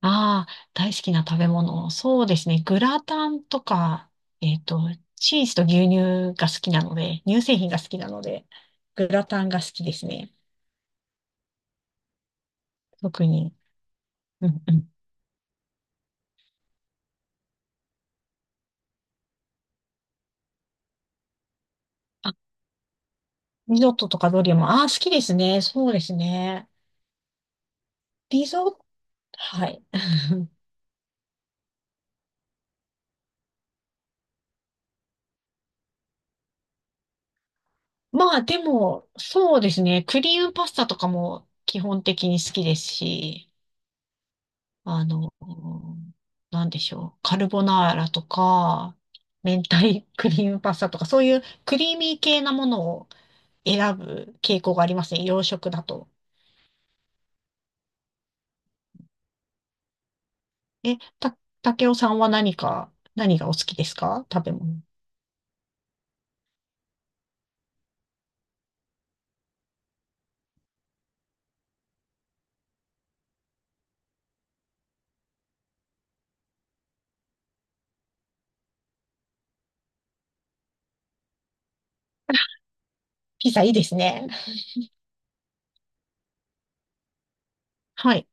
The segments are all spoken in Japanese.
ああ、大好きな食べ物。そうですね。グラタンとか、えっと、チーズと牛乳が好きなので、乳製品が好きなので、グラタンが好きですね。特に。うんうん。あ、リゾットとかドリアも、ああ、好きですね。そうですね。リゾット、はい。まあ、でも、そうですね。クリームパスタとかも基本的に好きですし、あの、なんでしょう。カルボナーラとか、明太クリームパスタとか、そういうクリーミー系なものを選ぶ傾向がありますね。洋食だと。え、た、竹雄さんは何か、何がお好きですか？食べ物。ピザいいですね。はい。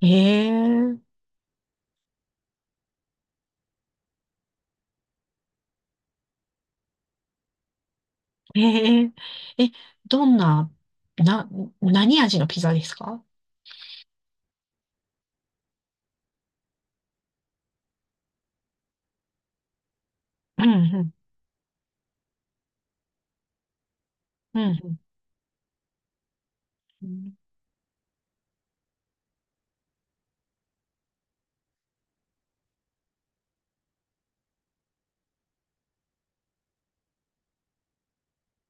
えー、えー、え、どんな、な、何味のピザですか？うん、うん、うん。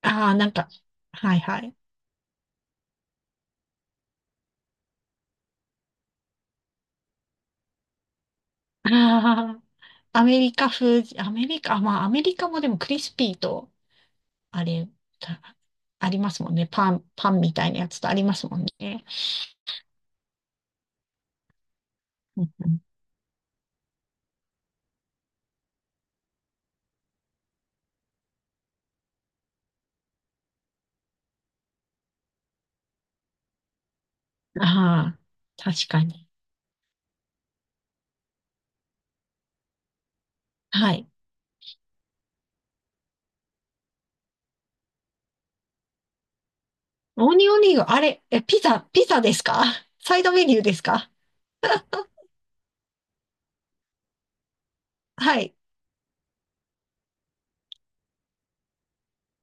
ああー、なんか、はいはい。あー、アメリカ風、アメリカ、まあ、アメリカもでもクリスピーと、あれ、たありますもんね。パン、パンみたいなやつとありますもんね。うんうん、ああ、確かに。はい。オニオンリング、あれ、え、ピザ、ピザですか？サイドメニューですか？はい、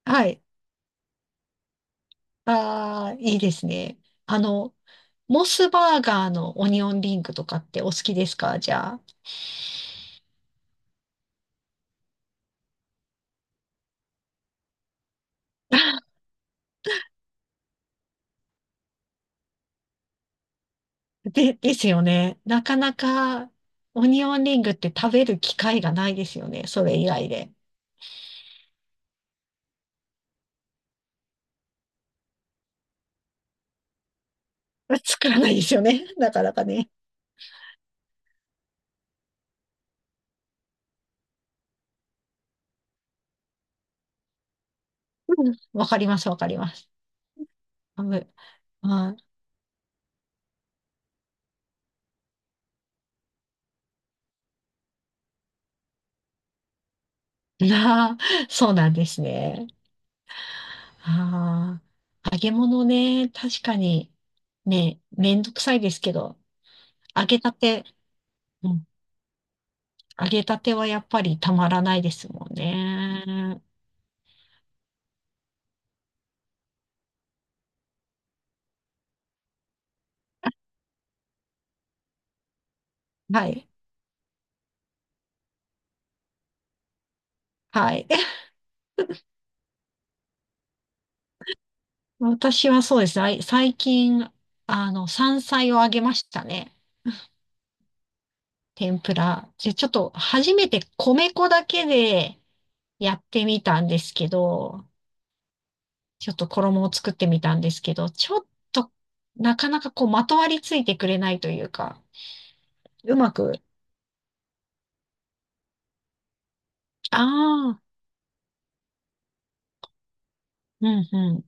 はい。ああ、いいですね。あの、モスバーガーのオニオンリングとかってお好きですかじゃあ。で、ですよね。なかなか、オニオンリングって食べる機会がないですよね。それ以外で。作らないですよね。なかなかね。うん、わかります、わかります。あぶ、まあ、なあ、そうなんですね。ああ、揚げ物ね、確かに、ね、めんどくさいですけど、揚げたて、うん、揚げたてはやっぱりたまらないですもんね。はい、はい。私はそうですね。最近、あの、山菜をあげましたね。天ぷら。で、ちょっと初めて米粉だけでやってみたんですけど、ちょっと衣を作ってみたんですけど、ちょっとなかなかこうまとわりついてくれないというか、うまく、ああ、うんうん。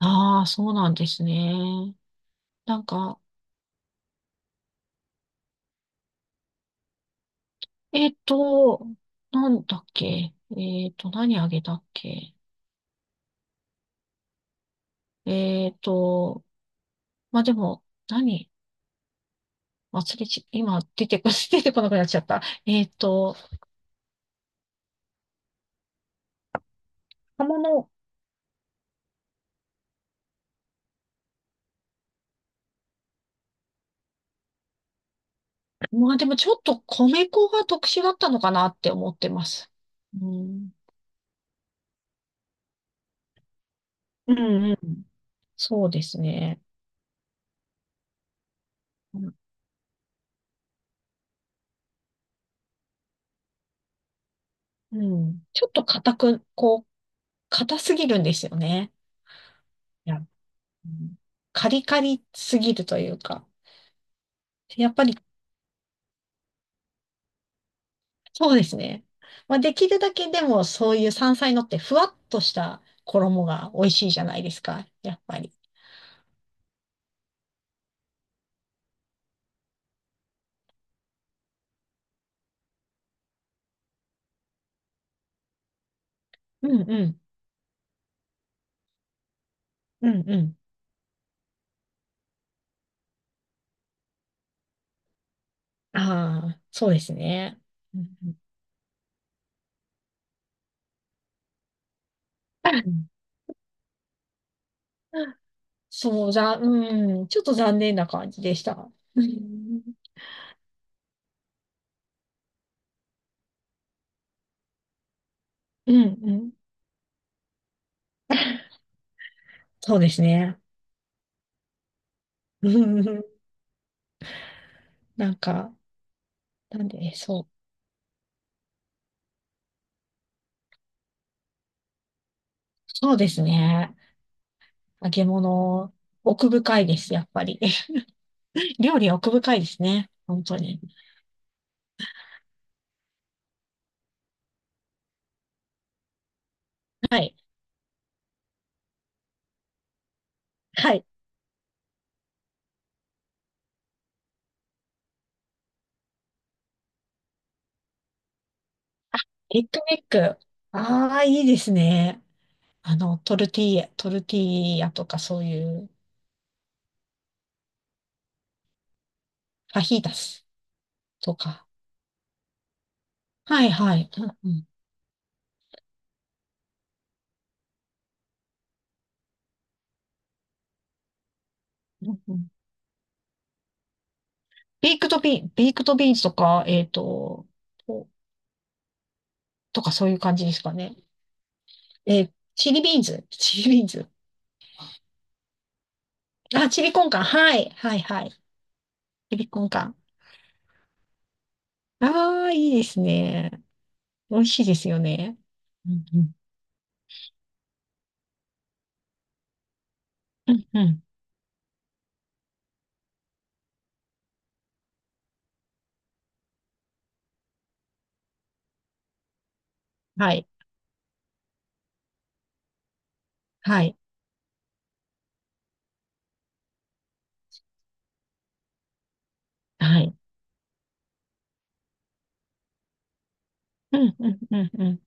ああ、そうなんですね。なんか、えっと、なんだっけ。えっと、何あげたっけ。えっと、まあでも、何忘れち、今出てこ、出てこなくなっちゃった。えっと、釜の、まあでもちょっと米粉が特殊だったのかなって思ってます。うん。うんうん。そうですね。うん。うん、ちょっと硬く、こう、硬すぎるんですよね。いや、うん、カリカリすぎるというか。やっぱり、そうですね。まあできるだけでもそういう山菜のってふわっとした衣が美味しいじゃないですか。やっぱり。うんうんうんうん。ああ、そうですね。うんうん そう、うん、ちょっと残念な感じでした。うん、うん、うん、そうですね。うん、なんか、なんで、そう、そうですね。揚げ物、奥深いです、やっぱり。料理は奥深いですね。本当に。はい。はい。エッグメック。ああ、いいですね。トルティーヤ、トルティーヤとかそういう、ファヒータスとか。はいはい。うんうんうん、ベイクドビー、ベイクドビーンズとか、えっと、ととかそういう感じですかね。えー、チリビーンズ、チリビーンズ。あ、チリコンカン。はい、はい、はい。チリコンカン。ああ、いいですね。美味しいですよね。うんうん。うんうん。はい、はい、はい。うんうんうんうん。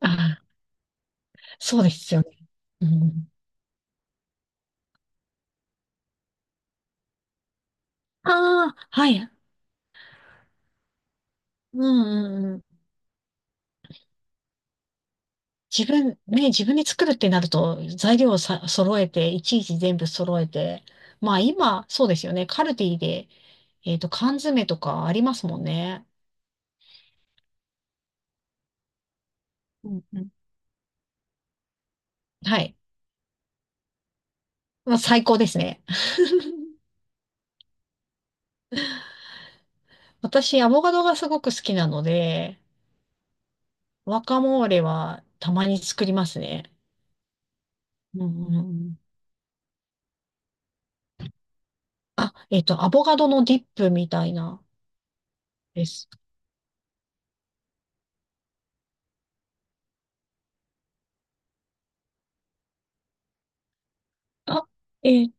ああ、そうですよね。うん、ああ、はい。うんうんうん。自分、ね、自分で作るってなると、材料をさ、揃えて、いちいち全部揃えて、まあ今、そうですよね。カルディで、えっと、缶詰とかありますもんね。うんうん。はい。まあ最高ですね。私、アボカドがすごく好きなので、ワカモーレはたまに作りますね。うんうんうん。あ、えっと、アボカドのディップみたいなです。あ、えー、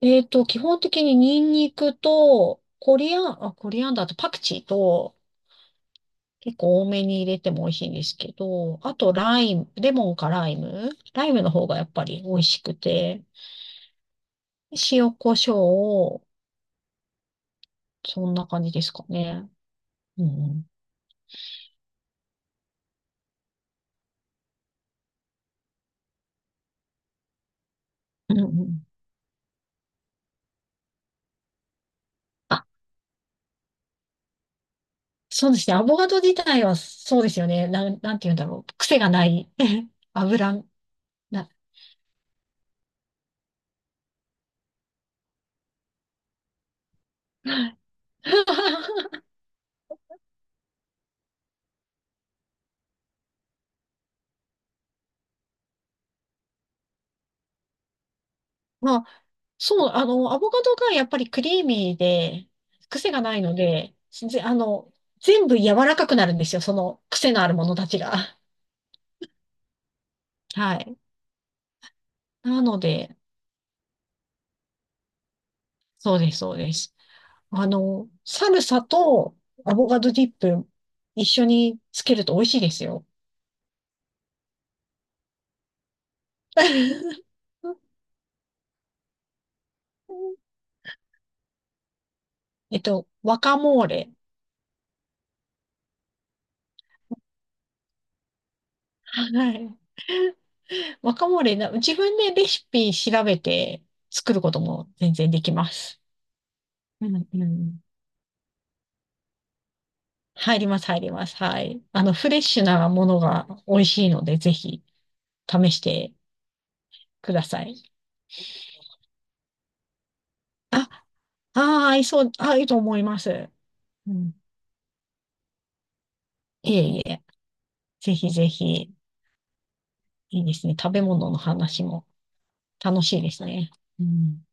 えっと、基本的にニンニクと、コリアンダーとパクチーと、結構多めに入れても美味しいんですけど、あとライム、レモンかライム、ライムの方がやっぱり美味しくて、塩コショウを、そんな感じですかね。うん、うん。うんうん。あ、そうですね。アボカド自体はそうですよね。なんて言うんだろう。癖がない。油、な、まあ、そう、アボカドがやっぱりクリーミーで、癖がないので、あの、全部柔らかくなるんですよ。その癖のあるものたちが。はい。なので、そうです、そうです。サルサとアボカドディップ一緒につけると美味しいですよ。えっと、ワカモーレ。はい。ワカモーレな、自分でレシピ調べて作ることも全然できます。うんうん。入ります、入ります。はい。あの、フレッシュなものが美味しいので、ぜひ試してください。あ、ああ、合いそう、合うと思います。うん。いえいえ。ぜひぜひ、いいですね。食べ物の話も楽しいですね。うん